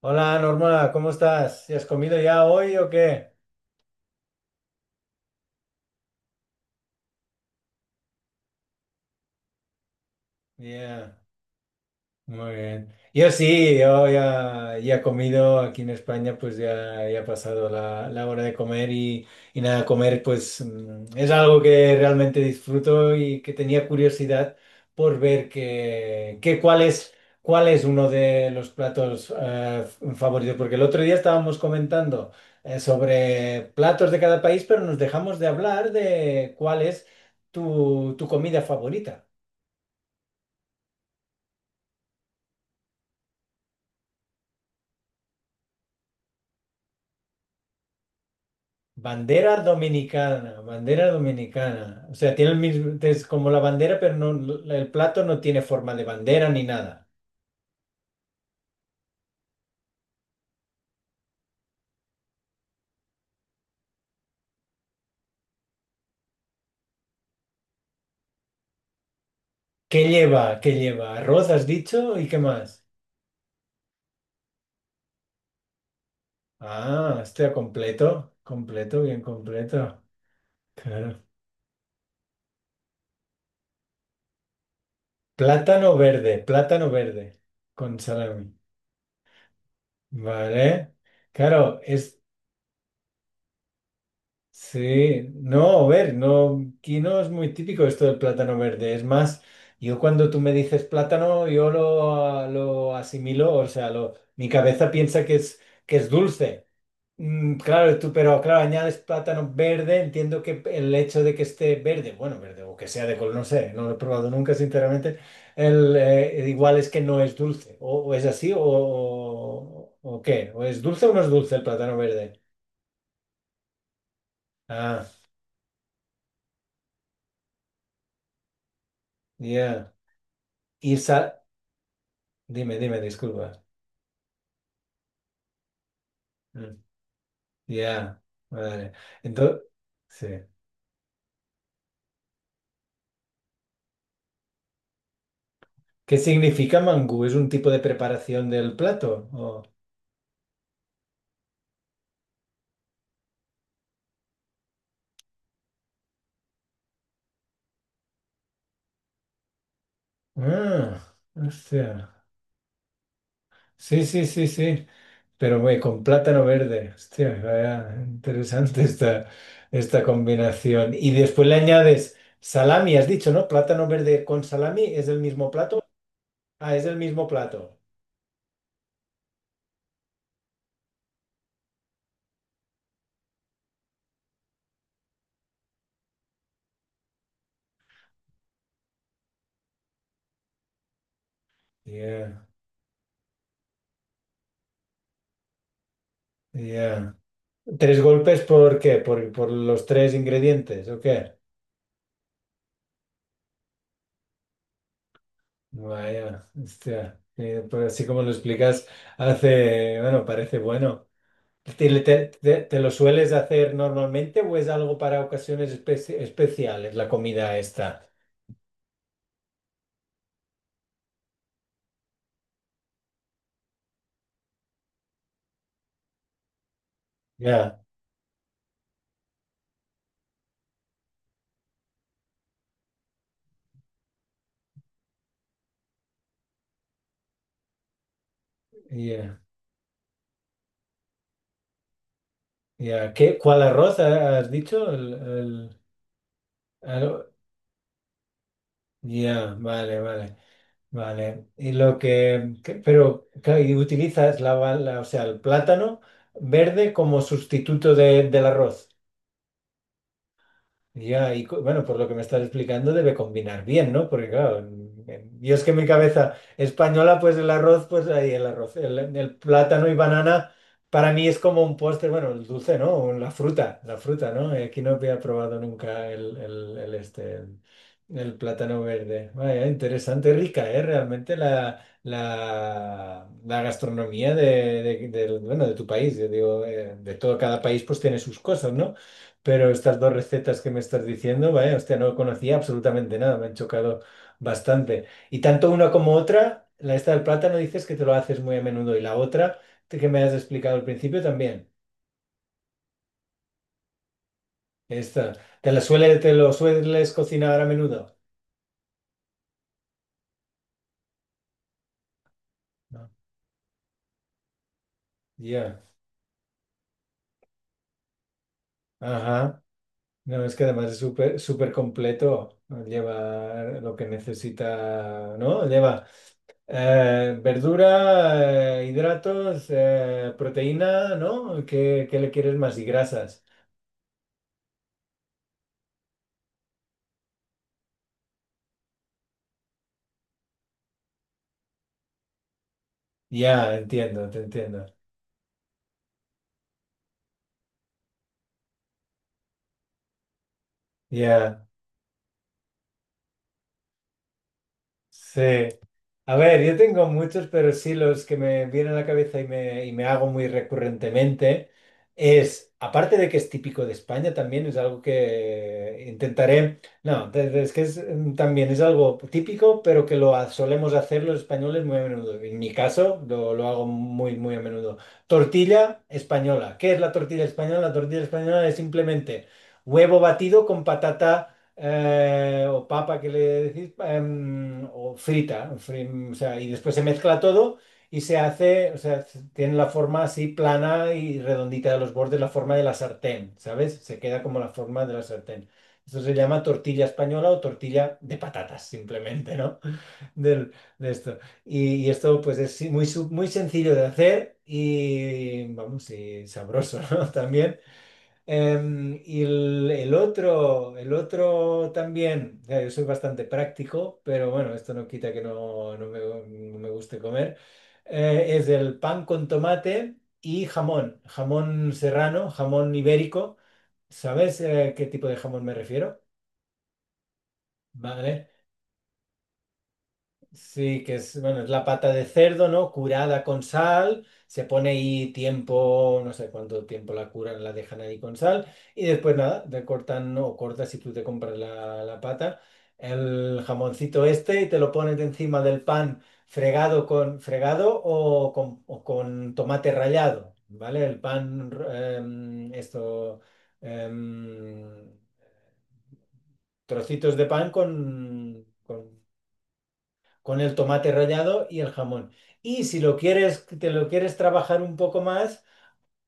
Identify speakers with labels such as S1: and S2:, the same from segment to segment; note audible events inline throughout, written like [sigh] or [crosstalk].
S1: Hola Norma, ¿cómo estás? ¿Y has comido ya hoy o qué? Yeah. Muy bien. Yo sí, yo ya he comido aquí en España, pues ya ha pasado la hora de comer y nada, comer pues es algo que realmente disfruto y que tenía curiosidad por ver que cuál es uno de los platos favoritos, porque el otro día estábamos comentando sobre platos de cada país, pero nos dejamos de hablar de cuál es tu comida favorita. Bandera dominicana, bandera dominicana. O sea, tiene el mismo, es como la bandera, pero el plato no tiene forma de bandera ni nada. ¿Qué lleva? ¿Qué lleva? Arroz, has dicho, ¿y qué más? Ah, está completo, completo, bien completo. Claro. Plátano verde con salami. Vale. Claro, es sí, no, a ver, no, aquí no es muy típico esto del plátano verde. Es más, yo cuando tú me dices plátano, yo lo asimilo, o sea, lo, mi cabeza piensa que es dulce. Mm, claro, tú, pero claro, añades plátano verde, entiendo que el hecho de que esté verde, bueno, verde, o que sea de color, no sé, no lo he probado nunca, sinceramente, igual es que no es dulce, o es así, o qué, o es dulce o no es dulce el plátano verde. Ah, ya. Y sal. Dime, dime, disculpa. Mm, ya, vale. Entonces, sí. ¿Qué significa mangú? ¿Es un tipo de preparación del plato? O- Ah, hostia. Sí, sí, sí, sí. Pero güey, con plátano verde. Hostia, vaya, interesante esta, esta combinación. Y después le añades salami, has dicho, ¿no? Plátano verde con salami, ¿es el mismo plato? Ah, es el mismo plato. Yeah, yeah. ¿Tres golpes por qué? Por los tres ingredientes o qué? Vaya, hostia. Pero así como lo explicas, hace, bueno, parece bueno. ¿Te lo sueles hacer normalmente o es algo para ocasiones especiales, la comida esta? Ya, ya, ya. ¿Qué, cuál arroz has dicho? El- aro- Ya, vale, vale, vale. Y lo que- pero, claro, y utilizas o sea, el plátano verde como sustituto del arroz. Ya, y co- bueno, por lo que me estás explicando debe combinar bien, ¿no? Porque claro, en- yo es que en mi cabeza española, pues el arroz, pues ahí el arroz, el plátano y banana, para mí es como un postre, bueno, el dulce, ¿no? O la fruta, la fruta, ¿no? Aquí no había probado nunca el este, el plátano verde. Vaya, interesante, rica, ¿eh? Realmente la gastronomía bueno, de tu país, yo digo, de todo, cada país pues tiene sus cosas, ¿no? Pero estas dos recetas que me estás diciendo, vaya, hostia, no conocía absolutamente nada, me han chocado bastante. Y tanto una como otra, la esta del plátano dices que te lo haces muy a menudo y la otra que me has explicado al principio también. Esta, ¿te la suele, te lo sueles cocinar a menudo? No. Ya, ajá. No, es que además es súper súper completo, lleva lo que necesita, ¿no? Lleva eh, verdura, hidratos, proteína, ¿no? ¿Qué, qué le quieres más? Y grasas. Ya, entiendo, te entiendo. Ya, sí. A ver, yo tengo muchos, pero sí los que me vienen a la cabeza y me hago muy recurrentemente es, aparte de que es típico de España, también es algo que intentaré, no, de- es que es, también es algo típico, pero que lo solemos hacer los españoles muy a menudo. En mi caso, lo hago muy, muy a menudo. Tortilla española. ¿Qué es la tortilla española? La tortilla española es simplemente huevo batido con patata o papa que le decís, em, o frita, fri- o sea, y después se mezcla todo y se hace, o sea, tiene la forma así plana y redondita de los bordes, la forma de la sartén, ¿sabes? Se queda como la forma de la sartén. Esto se llama tortilla española o tortilla de patatas, simplemente, ¿no? [laughs] Del- de esto. Y esto, pues, es sí, muy, su- muy sencillo de hacer y, vamos, y sabroso, ¿no? [laughs] También. Em, y el otro, el otro también, o yo soy bastante práctico, pero bueno, esto no quita que no me guste comer, eh, es el pan con tomate y jamón, jamón serrano, jamón ibérico. ¿Sabes, qué tipo de jamón me refiero? Vale. Sí, que es, bueno, es la pata de cerdo, ¿no? Curada con sal, se pone ahí tiempo, no sé cuánto tiempo la curan, la dejan ahí con sal, y después nada, te cortan o cortas si tú te compras la pata, el jamoncito este y te lo pones encima del pan fregado con fregado o con tomate rallado, ¿vale? El pan, em, esto, em, trocitos de pan con el tomate rallado y el jamón. Y si lo quieres, te lo quieres trabajar un poco más,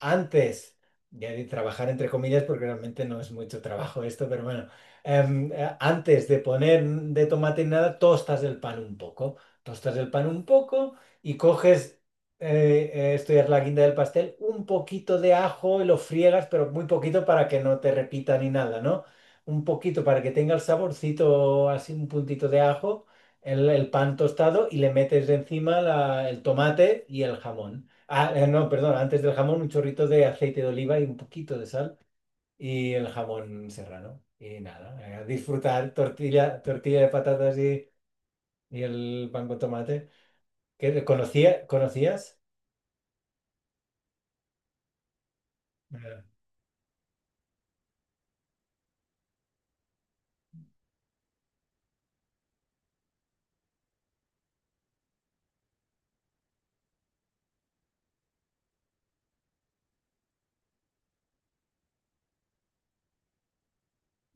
S1: antes ya de trabajar entre comillas, porque realmente no es mucho trabajo esto, pero bueno, em, antes de poner de tomate y nada, tostas el pan un poco, tostas el pan un poco y coges, esto ya es la guinda del pastel, un poquito de ajo y lo friegas, pero muy poquito para que no te repita ni nada, ¿no? Un poquito para que tenga el saborcito, así un puntito de ajo, el pan tostado y le metes encima el tomate y el jamón. Ah, no, perdón, antes del jamón un chorrito de aceite de oliva y un poquito de sal y el jamón serrano. Y nada, a disfrutar tortilla, tortilla de patatas y el pan con tomate. ¿Qué, conocía, conocías? Eh,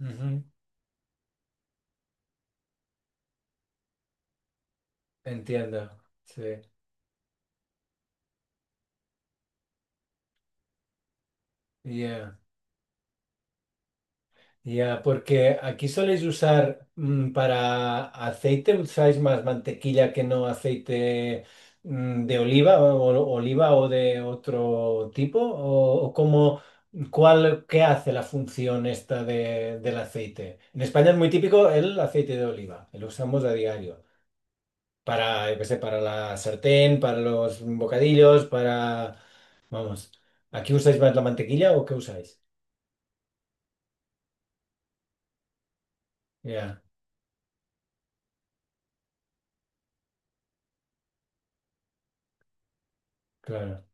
S1: ujú, entiendo, sí. Ya, porque aquí soléis usar para aceite, usáis más mantequilla que no aceite de oliva o, oliva o de otro tipo, o cómo, cuál, qué hace la función esta del aceite. En España es muy típico el aceite de oliva, lo usamos a diario, para, yo qué sé, para la sartén, para los bocadillos, para, vamos, ¿aquí usáis más la mantequilla o qué usáis? Ya, claro,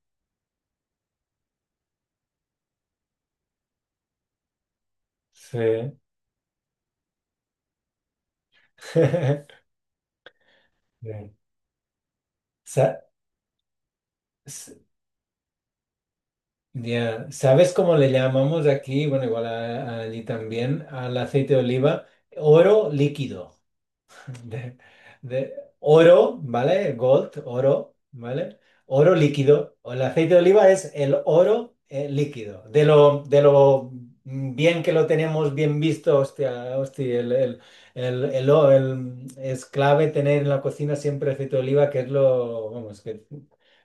S1: sí. [laughs] Bien. Sa- s- ya, ¿sabes cómo le llamamos aquí? Bueno, igual allí también, al aceite de oliva, oro líquido. de, de oro, ¿vale? Gold, oro, ¿vale? Oro líquido. O el aceite de oliva es el oro líquido. De lo bien que lo tenemos bien visto, hostia, hostia, el es clave tener en la cocina siempre aceite de oliva, que es lo, vamos,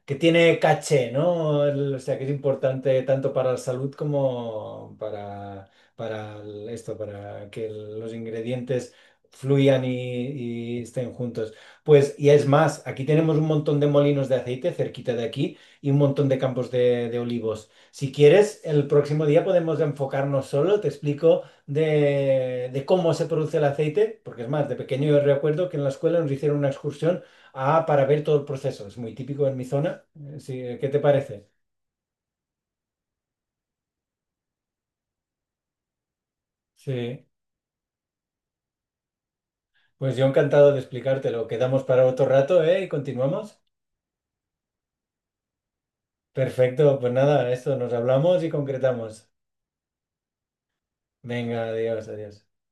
S1: que tiene caché, ¿no? El- o sea, que es importante tanto para la salud como para esto, para que los ingredientes fluyan y estén juntos. Pues, y es más, aquí tenemos un montón de molinos de aceite cerquita de aquí y un montón de campos de olivos. Si quieres, el próximo día podemos enfocarnos solo, te explico de cómo se produce el aceite, porque es más, de pequeño yo recuerdo que en la escuela nos hicieron una excursión para ver todo el proceso. Es muy típico en mi zona. Sí, ¿qué te parece? Sí, pues yo encantado de explicártelo. Quedamos para otro rato, ¿eh? Y continuamos. Perfecto, pues nada, esto nos hablamos y concretamos. Venga, adiós, adiós.